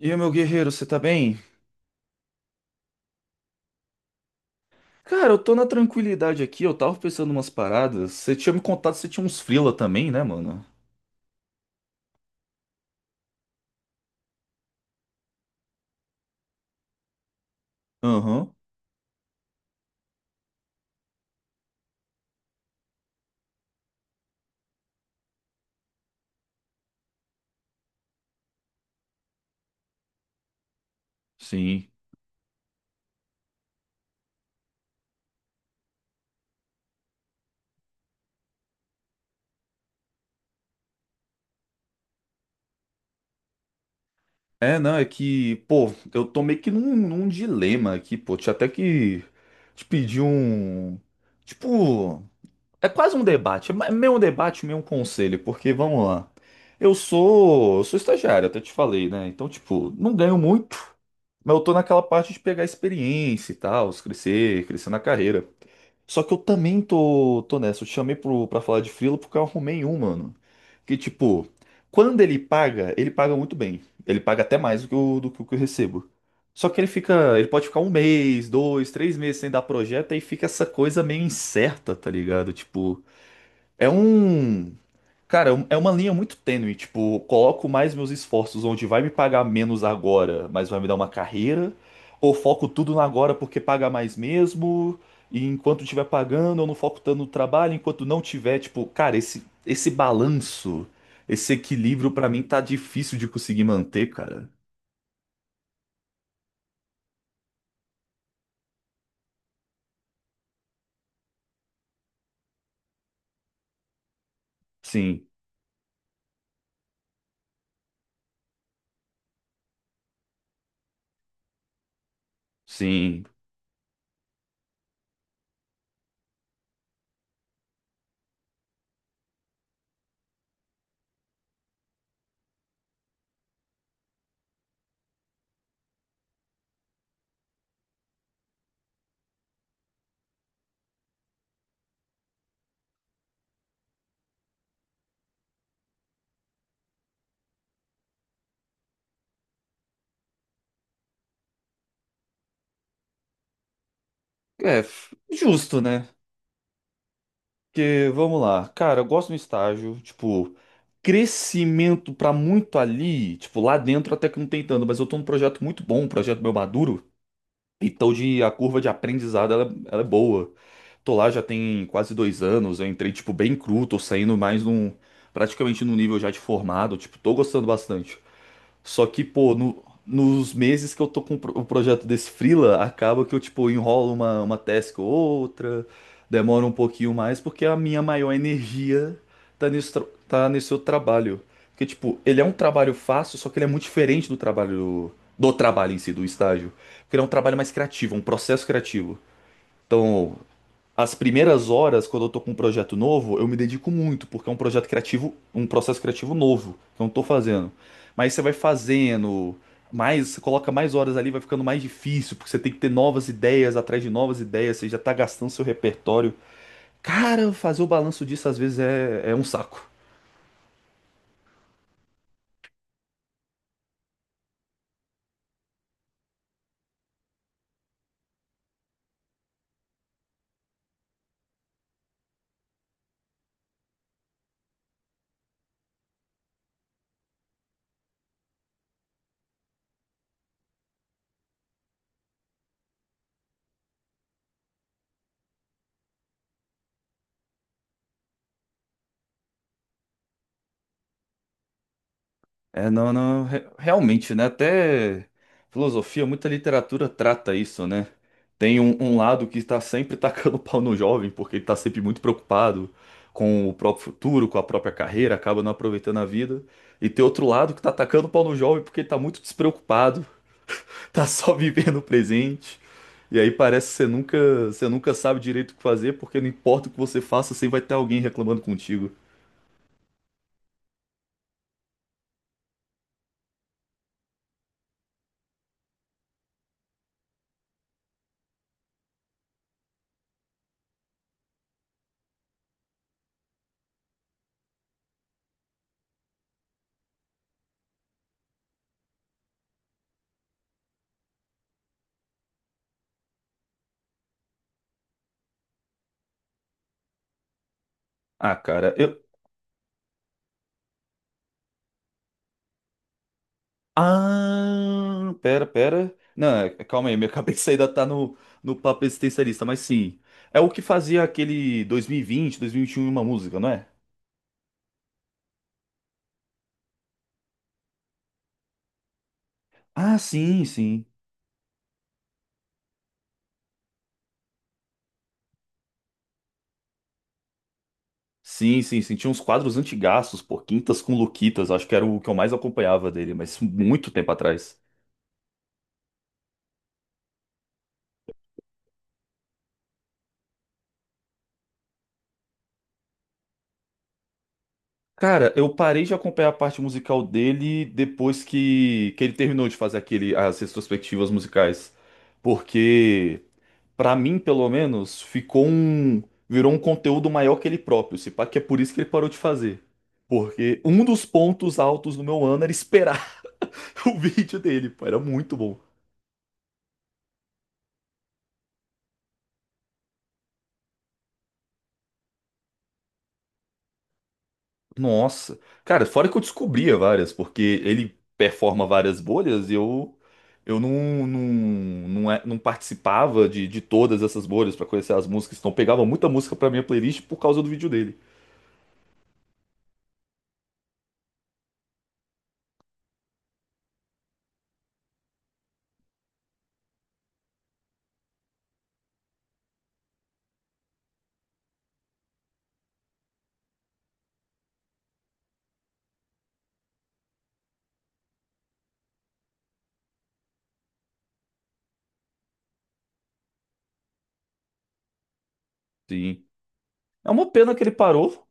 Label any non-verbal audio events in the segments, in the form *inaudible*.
E aí, meu guerreiro, você tá bem? Cara, eu tô na tranquilidade aqui, eu tava pensando umas paradas. Você tinha me contado que você tinha uns freela também, né, mano? Aham, sim. É, não, é que, pô, eu tô meio que num dilema aqui, pô. Tinha até que te pedir um. Tipo, é quase um debate, é meio um debate, meio um conselho, porque vamos lá. Eu sou estagiário, até te falei, né? Então, tipo, não ganho muito, mas eu tô naquela parte de pegar experiência e tal, crescer na carreira. Só que eu também tô nessa. Eu te chamei pra falar de frila porque eu arrumei um, mano. Que tipo, quando ele paga muito bem. Ele paga até mais do que eu, do que o que eu recebo. Só que ele fica, ele pode ficar um mês, dois, três meses sem dar projeto e fica essa coisa meio incerta, tá ligado? Tipo, é um. Cara, é uma linha muito tênue, tipo, coloco mais meus esforços onde vai me pagar menos agora, mas vai me dar uma carreira, ou foco tudo no agora porque paga mais mesmo, e enquanto estiver pagando, eu não foco tanto no trabalho, enquanto não tiver, tipo, cara, esse balanço, esse equilíbrio pra mim tá difícil de conseguir manter, cara. Sim, sim. É, justo, né? Porque, vamos lá, cara, eu gosto do estágio, tipo, crescimento pra muito ali, tipo, lá dentro até que não tem tanto, mas eu tô num projeto muito bom, um projeto meu maduro, então de, a curva de aprendizado, ela é boa. Tô lá já tem quase 2 anos, eu entrei, tipo, bem cru, tô saindo mais num, praticamente num nível já de formado, tipo, tô gostando bastante. Só que, pô, nos meses que eu tô com o o projeto desse freela, acaba que eu, tipo, enrolo uma task ou outra, demora um pouquinho mais, porque a minha maior energia tá tá nesse outro trabalho. Porque, tipo, ele é um trabalho fácil, só que ele é muito diferente do trabalho em si, do estágio. Porque ele é um trabalho mais criativo, um processo criativo. Então, as primeiras horas, quando eu tô com um projeto novo, eu me dedico muito, porque é um projeto criativo, um processo criativo novo que eu não tô fazendo. Mas você vai fazendo mais, você coloca mais horas ali, vai ficando mais difícil, porque você tem que ter novas ideias atrás de novas ideias, você já tá gastando seu repertório. Cara, fazer o balanço disso às vezes é, é um saco. É, não, realmente, né? Até filosofia, muita literatura trata isso, né? Tem um, um lado que está sempre tacando *laughs* pau no jovem, porque ele está sempre muito preocupado com o próprio futuro, com a própria carreira, acaba não aproveitando a vida. E tem outro lado que está tacando pau no jovem porque ele está muito despreocupado, *laughs* tá só vivendo o presente. E aí parece que você nunca sabe direito o que fazer, porque não importa o que você faça, sempre vai ter alguém reclamando contigo. Ah, cara, eu, ah, pera, pera. Não, é, calma aí, minha *laughs* cabeça ainda tá no, no papo existencialista, mas sim. É o que fazia aquele dois mil e vinte, 2021, uma música, não é? Ah, sim, sim. Sim, sim, sim. Tinha uns quadros antigaços, pô, Quintas com Luquitas, acho que era o que eu mais acompanhava dele, mas muito tempo atrás. Cara, eu parei de acompanhar a parte musical dele depois que ele terminou de fazer aquele, as retrospectivas musicais. Porque. Pra mim, pelo menos, ficou um. Virou um conteúdo maior que ele próprio. Se pá, que é por isso que ele parou de fazer. Porque um dos pontos altos do meu ano era esperar *laughs* o vídeo dele, pô, era muito bom. Nossa. Cara, fora que eu descobria várias, porque ele performa várias bolhas e eu. Eu não, não, não participava de todas essas bolhas pra conhecer as músicas, então pegava muita música pra minha playlist por causa do vídeo dele. Sim. É uma pena que ele parou.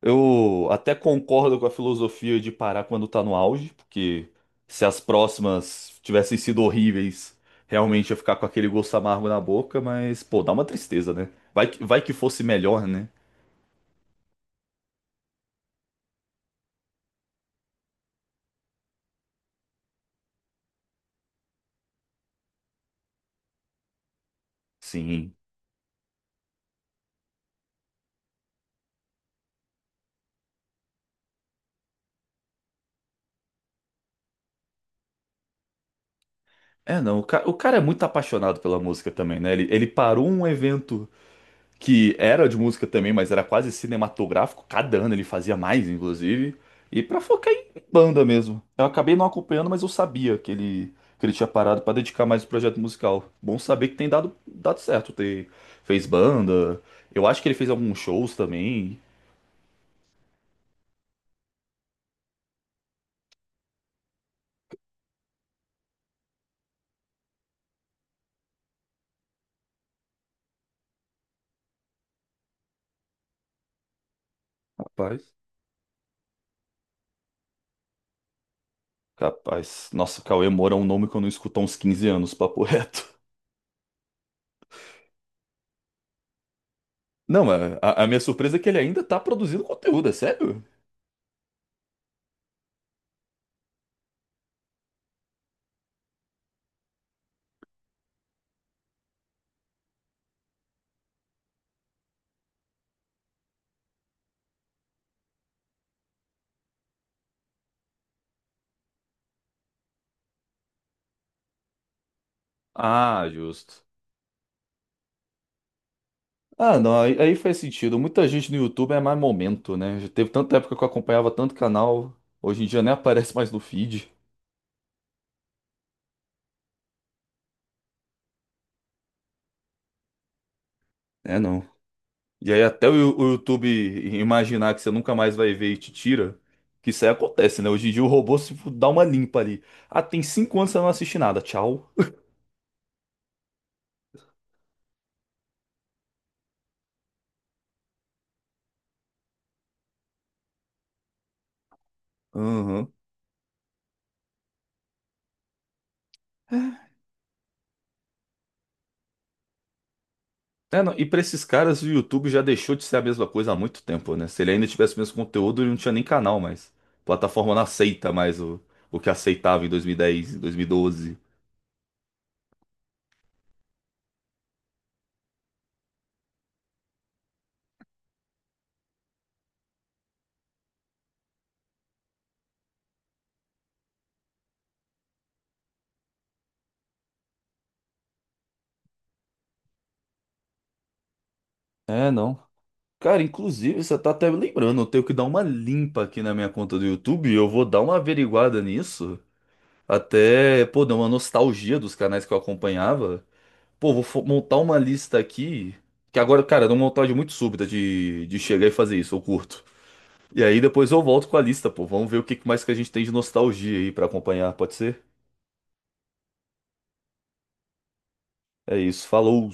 Eu até concordo com a filosofia de parar quando tá no auge, porque se as próximas tivessem sido horríveis, realmente ia ficar com aquele gosto amargo na boca, mas, pô, dá uma tristeza, né? Vai que fosse melhor, né? Sim. É, não, o cara é muito apaixonado pela música também, né? Ele parou um evento que era de música também, mas era quase cinematográfico. Cada ano ele fazia mais, inclusive. E pra focar em banda mesmo. Eu acabei não acompanhando, mas eu sabia que ele tinha parado pra dedicar mais o projeto musical. Bom saber que tem dado certo. Ter, fez banda. Eu acho que ele fez alguns shows também. Rapaz. Capaz. Nossa, Cauê Moura é um nome que eu não escuto há uns 15 anos, papo reto. Não, mas a minha surpresa é que ele ainda tá produzindo conteúdo, é sério? Ah, justo. Ah, não, aí, aí faz sentido. Muita gente no YouTube é mais momento, né? Já teve tanta época que eu acompanhava tanto canal, hoje em dia nem *laughs* aparece mais no feed. É, não. E aí até o, o YouTube imaginar que você nunca mais vai ver e te tira, que isso aí acontece, né? Hoje em dia o robô se dá uma limpa ali. Ah, tem 5 anos que você não assiste nada, tchau. Aham. É, não, e pra esses caras o YouTube já deixou de ser a mesma coisa há muito tempo, né? Se ele ainda tivesse o mesmo conteúdo, ele não tinha nem canal mais. A plataforma não aceita mais o que aceitava em 2010, em 2012. É, não. Cara, inclusive, você tá até me lembrando, eu tenho que dar uma limpa aqui na minha conta do YouTube, eu vou dar uma averiguada nisso, até, pô, dar uma nostalgia dos canais que eu acompanhava. Pô, vou montar uma lista aqui, que agora, cara, é uma montagem muito súbita de chegar e fazer isso, eu curto. E aí depois eu volto com a lista, pô, vamos ver o que mais que a gente tem de nostalgia aí pra acompanhar, pode ser? É isso, falou!